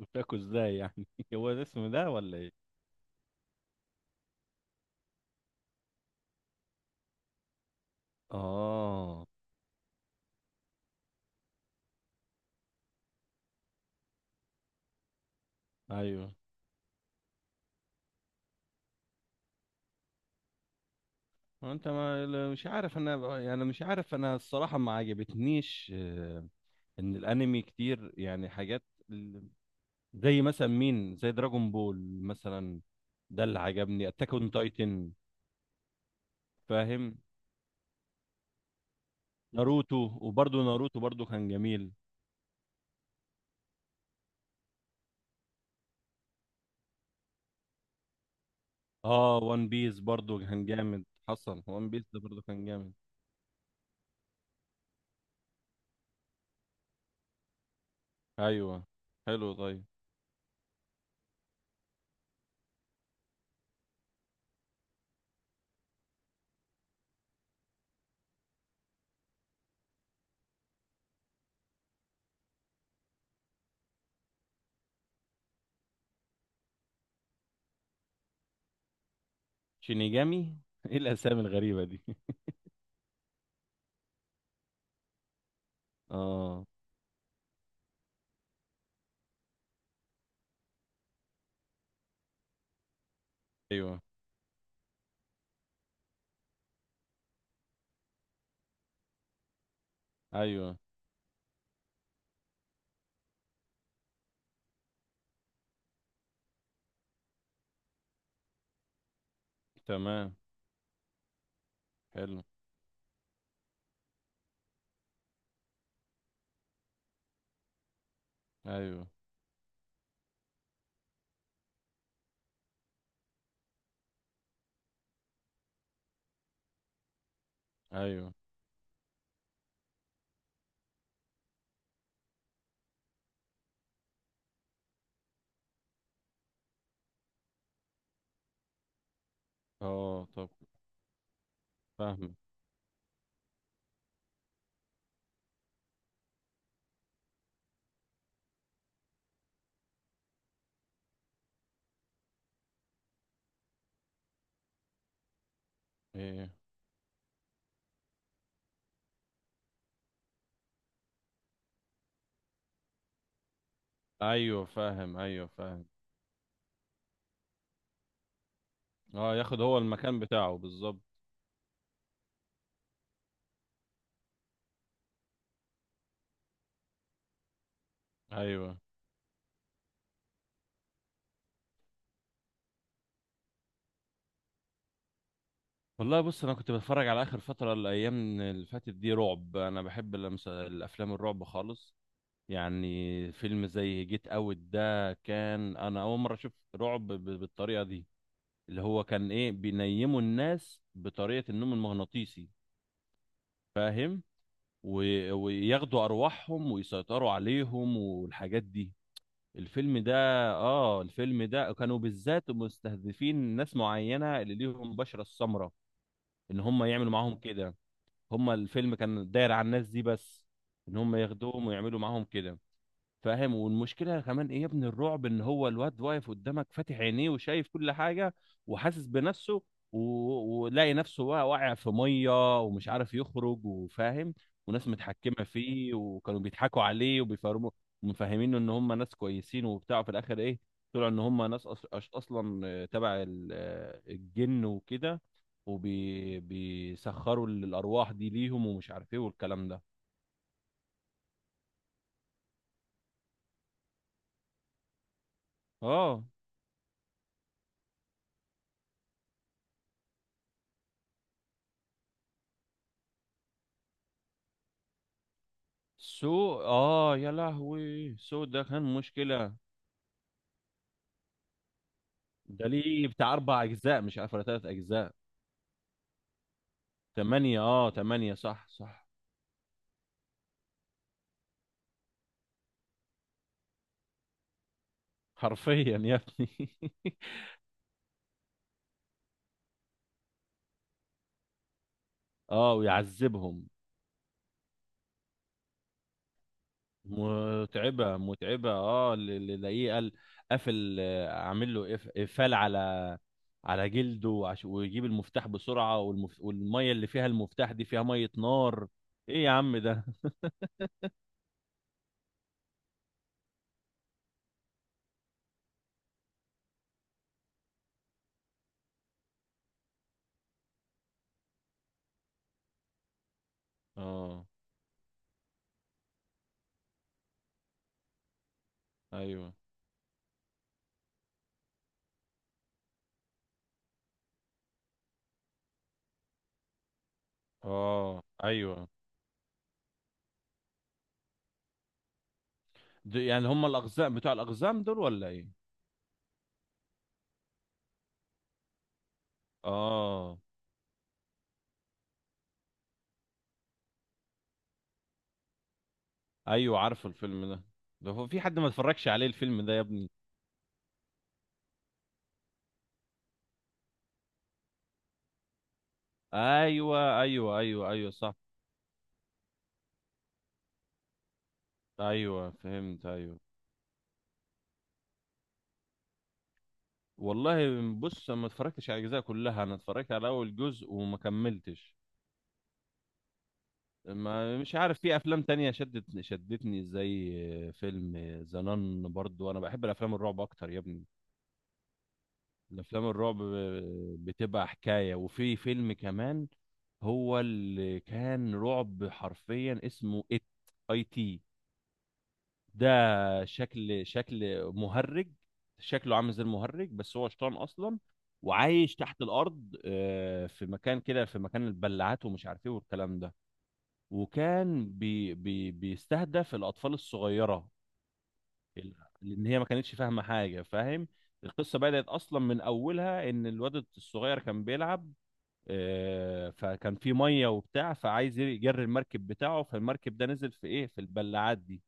مشاكو ازاي يعني؟ هو ده اسمه ده ولا ايه؟ اه، ايوه. هو انت ما لا- مش عارف، انا يعني مش عارف، انا الصراحه ما عجبتنيش، ان الانمي كتير يعني حاجات، ال- زي مثلا مين، زي دراجون بول مثلا. ده اللي عجبني اتاك اون تايتن. فاهم. ناروتو. وبرضه ناروتو برضه كان جميل. اه، وان بيس برضه كان جامد، حصل وان بيس ده برضه كان جامد. ايوه، حلو، طيب. شينيجامي؟ ايه الاسامي الغريبه دي؟ اه، ايوه، ايوه، تمام، حلو، ايوه، ايوه، اه، طب، فاهم، ايه، ايوه فاهم، ايوه فاهم، اه. ياخد هو المكان بتاعه بالظبط. ايوه. والله بص، انا كنت بتفرج على اخر فتره الايام اللي فاتت دي رعب، انا بحب الافلام الرعب خالص. يعني فيلم زي جيت اوت ده كان انا اول مره اشوف رعب بالطريقه دي. اللي هو كان ايه، بينيموا الناس بطريقه النوم المغناطيسي، فاهم. وياخدوا ارواحهم ويسيطروا عليهم والحاجات دي. الفيلم ده، اه الفيلم ده كانوا بالذات مستهدفين ناس معينة، اللي ليهم بشرة السمراء. ان هم يعملوا معاهم كده. هم الفيلم كان داير على الناس دي بس، ان هم ياخدوهم ويعملوا معاهم كده. فاهم، والمشكله كمان ايه يا ابني الرعب، ان هو الواد واقف قدامك فاتح عينيه وشايف كل حاجه، وحاسس بنفسه، ولاقي نفسه بقى واقع في ميه ومش عارف يخرج، وفاهم، وناس متحكمه فيه، وكانوا بيضحكوا عليه وبيفهموا، ومفهمينه ان هم ناس كويسين وبتاع. في الاخر ايه، طلعوا ان هم ناس اصلا، تبع الجن وكده، وبيسخروا الارواح دي ليهم ومش عارف ايه والكلام ده. اه، سو. اه يا لهوي، سو ده كان مشكلة. ده ليه بتاع أربع أجزاء، مش عارف ولا تلات أجزاء؟ تمانية، اه تمانية، صح صح. حرفيا يا ابني. اه، ويعذبهم. متعبة متعبة، اه. اللي لاقيه قال قافل، عامل له إقفال على جلده، ويجيب المفتاح بسرعة، والمية اللي فيها المفتاح دي فيها مية نار. ايه يا عم ده. اه، ايوه، اه، ايوه. يعني هم الاقزام، بتوع الاقزام دول ولا ايه؟ اه، ايوه، عارف الفيلم ده. ده هو في حد ما اتفرجش عليه الفيلم ده يا ابني؟ ايوه، ايوه، ايوه، ايوه، صح. ايوه، فهمت، ايوه. والله بص، أنا ما اتفرجتش على الاجزاء كلها، انا اتفرجت على اول جزء وما كملتش. ما مش عارف، في افلام تانية شدتني، زي فيلم زنان. برضو انا بحب الافلام الرعب اكتر يا ابني. الافلام الرعب بتبقى حكايه. وفي فيلم كمان هو اللي كان رعب حرفيا، اسمه ات، اي تي. ده شكل، شكل مهرج، شكله عامل زي المهرج، بس هو شيطان اصلا. وعايش تحت الارض، في مكان كده، في مكان البلاعات، ومش عارف ايه والكلام ده. وكان بي بي بيستهدف الاطفال الصغيره، ال- لان هي ما كانتش فاهمه حاجه، فاهم. القصه بدات اصلا من اولها، ان الواد الصغير كان بيلعب، فكان في ميه وبتاع، فعايز يجري المركب بتاعه، فالمركب ده نزل في ايه، في البلاعات دي،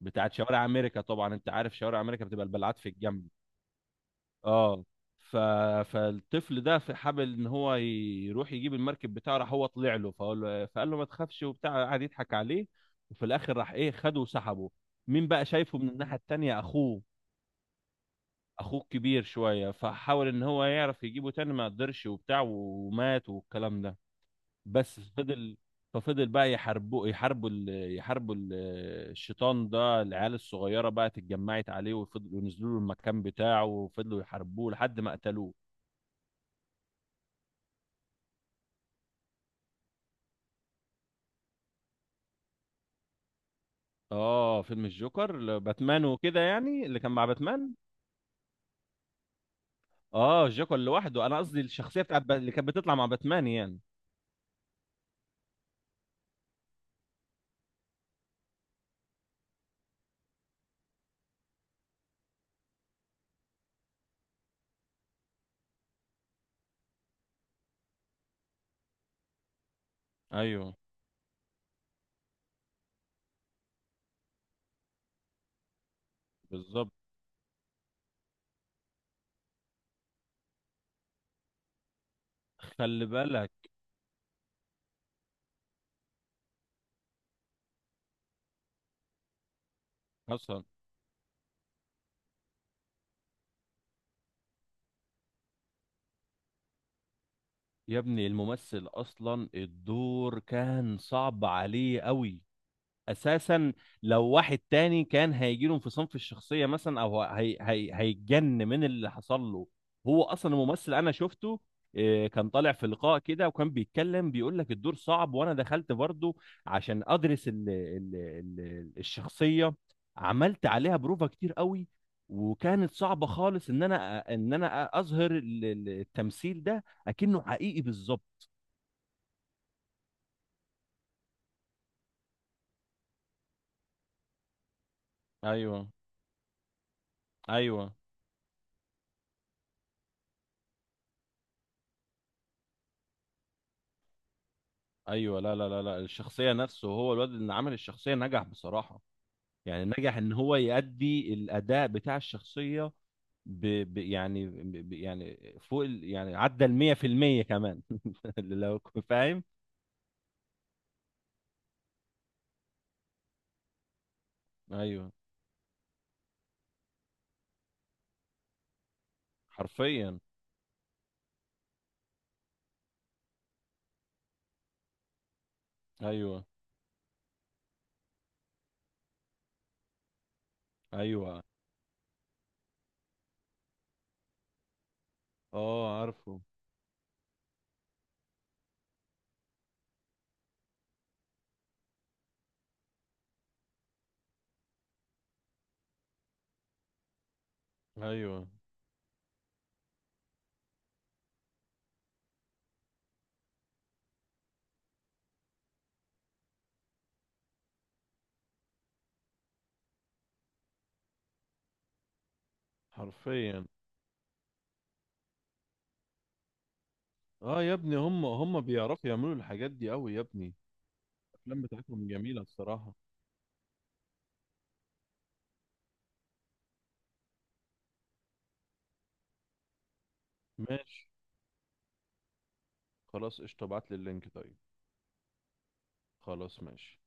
بتاعت شوارع امريكا. طبعا انت عارف شوارع امريكا بتبقى البلاعات في الجنب. اه. ف... فالطفل ده في حابل ان هو يروح يجيب المركب بتاعه. راح هو طلع له، فقال له ما تخافش وبتاع، قعد يضحك عليه. وفي الاخر راح ايه، خده وسحبه. مين بقى شايفه من الناحيه التانيه؟ اخوه، اخوه كبير شويه. فحاول ان هو يعرف يجيبه تاني، ما قدرش وبتاع، ومات والكلام ده. بس فضل، ففضل بقى يحاربوا، الشيطان ده. العيال الصغيره بقى اتجمعت عليه، وفضلوا ينزلوا له المكان بتاعه، وفضلوا يحاربوه لحد ما قتلوه. اه، فيلم الجوكر، باتمان وكده، يعني اللي كان مع باتمان. اه، الجوكر لوحده. انا قصدي الشخصيه بتاعت اللي كانت بتطلع مع باتمان يعني. ايوه، بالظبط. خلي بالك. حصل. يا ابني الممثل اصلا الدور كان صعب عليه قوي اساسا. لو واحد تاني كان هيجي له انفصام في الشخصيه مثلا، او هي هي هيتجن من اللي حصل له. هو اصلا الممثل انا شفته، كان طالع في لقاء كده وكان بيتكلم، بيقول لك الدور صعب. وانا دخلت برضه عشان ادرس ال ال ال الشخصيه، عملت عليها بروفا كتير قوي، وكانت صعبه خالص، ان انا اظهر التمثيل ده اكنه حقيقي بالظبط. ايوه، ايوه، ايوه. لا لا لا لا، الشخصيه نفسه، هو الواد اللي عمل الشخصيه نجح بصراحه. يعني نجح ان هو يأدي الاداء بتاع الشخصيه، ب... يعني يعني فوق يعني عدى ال 100% كمان. لو كنت فاهم. ايوه، حرفيا. ايوه، ايوه. اه، عارفه. ايوه، حرفيا. اه يا ابني هم هم بيعرفوا يعملوا الحاجات دي قوي يا ابني. الافلام بتاعتهم جميله الصراحه. ماشي، خلاص، قشطه، ابعت لي اللينك طيب. خلاص، ماشي.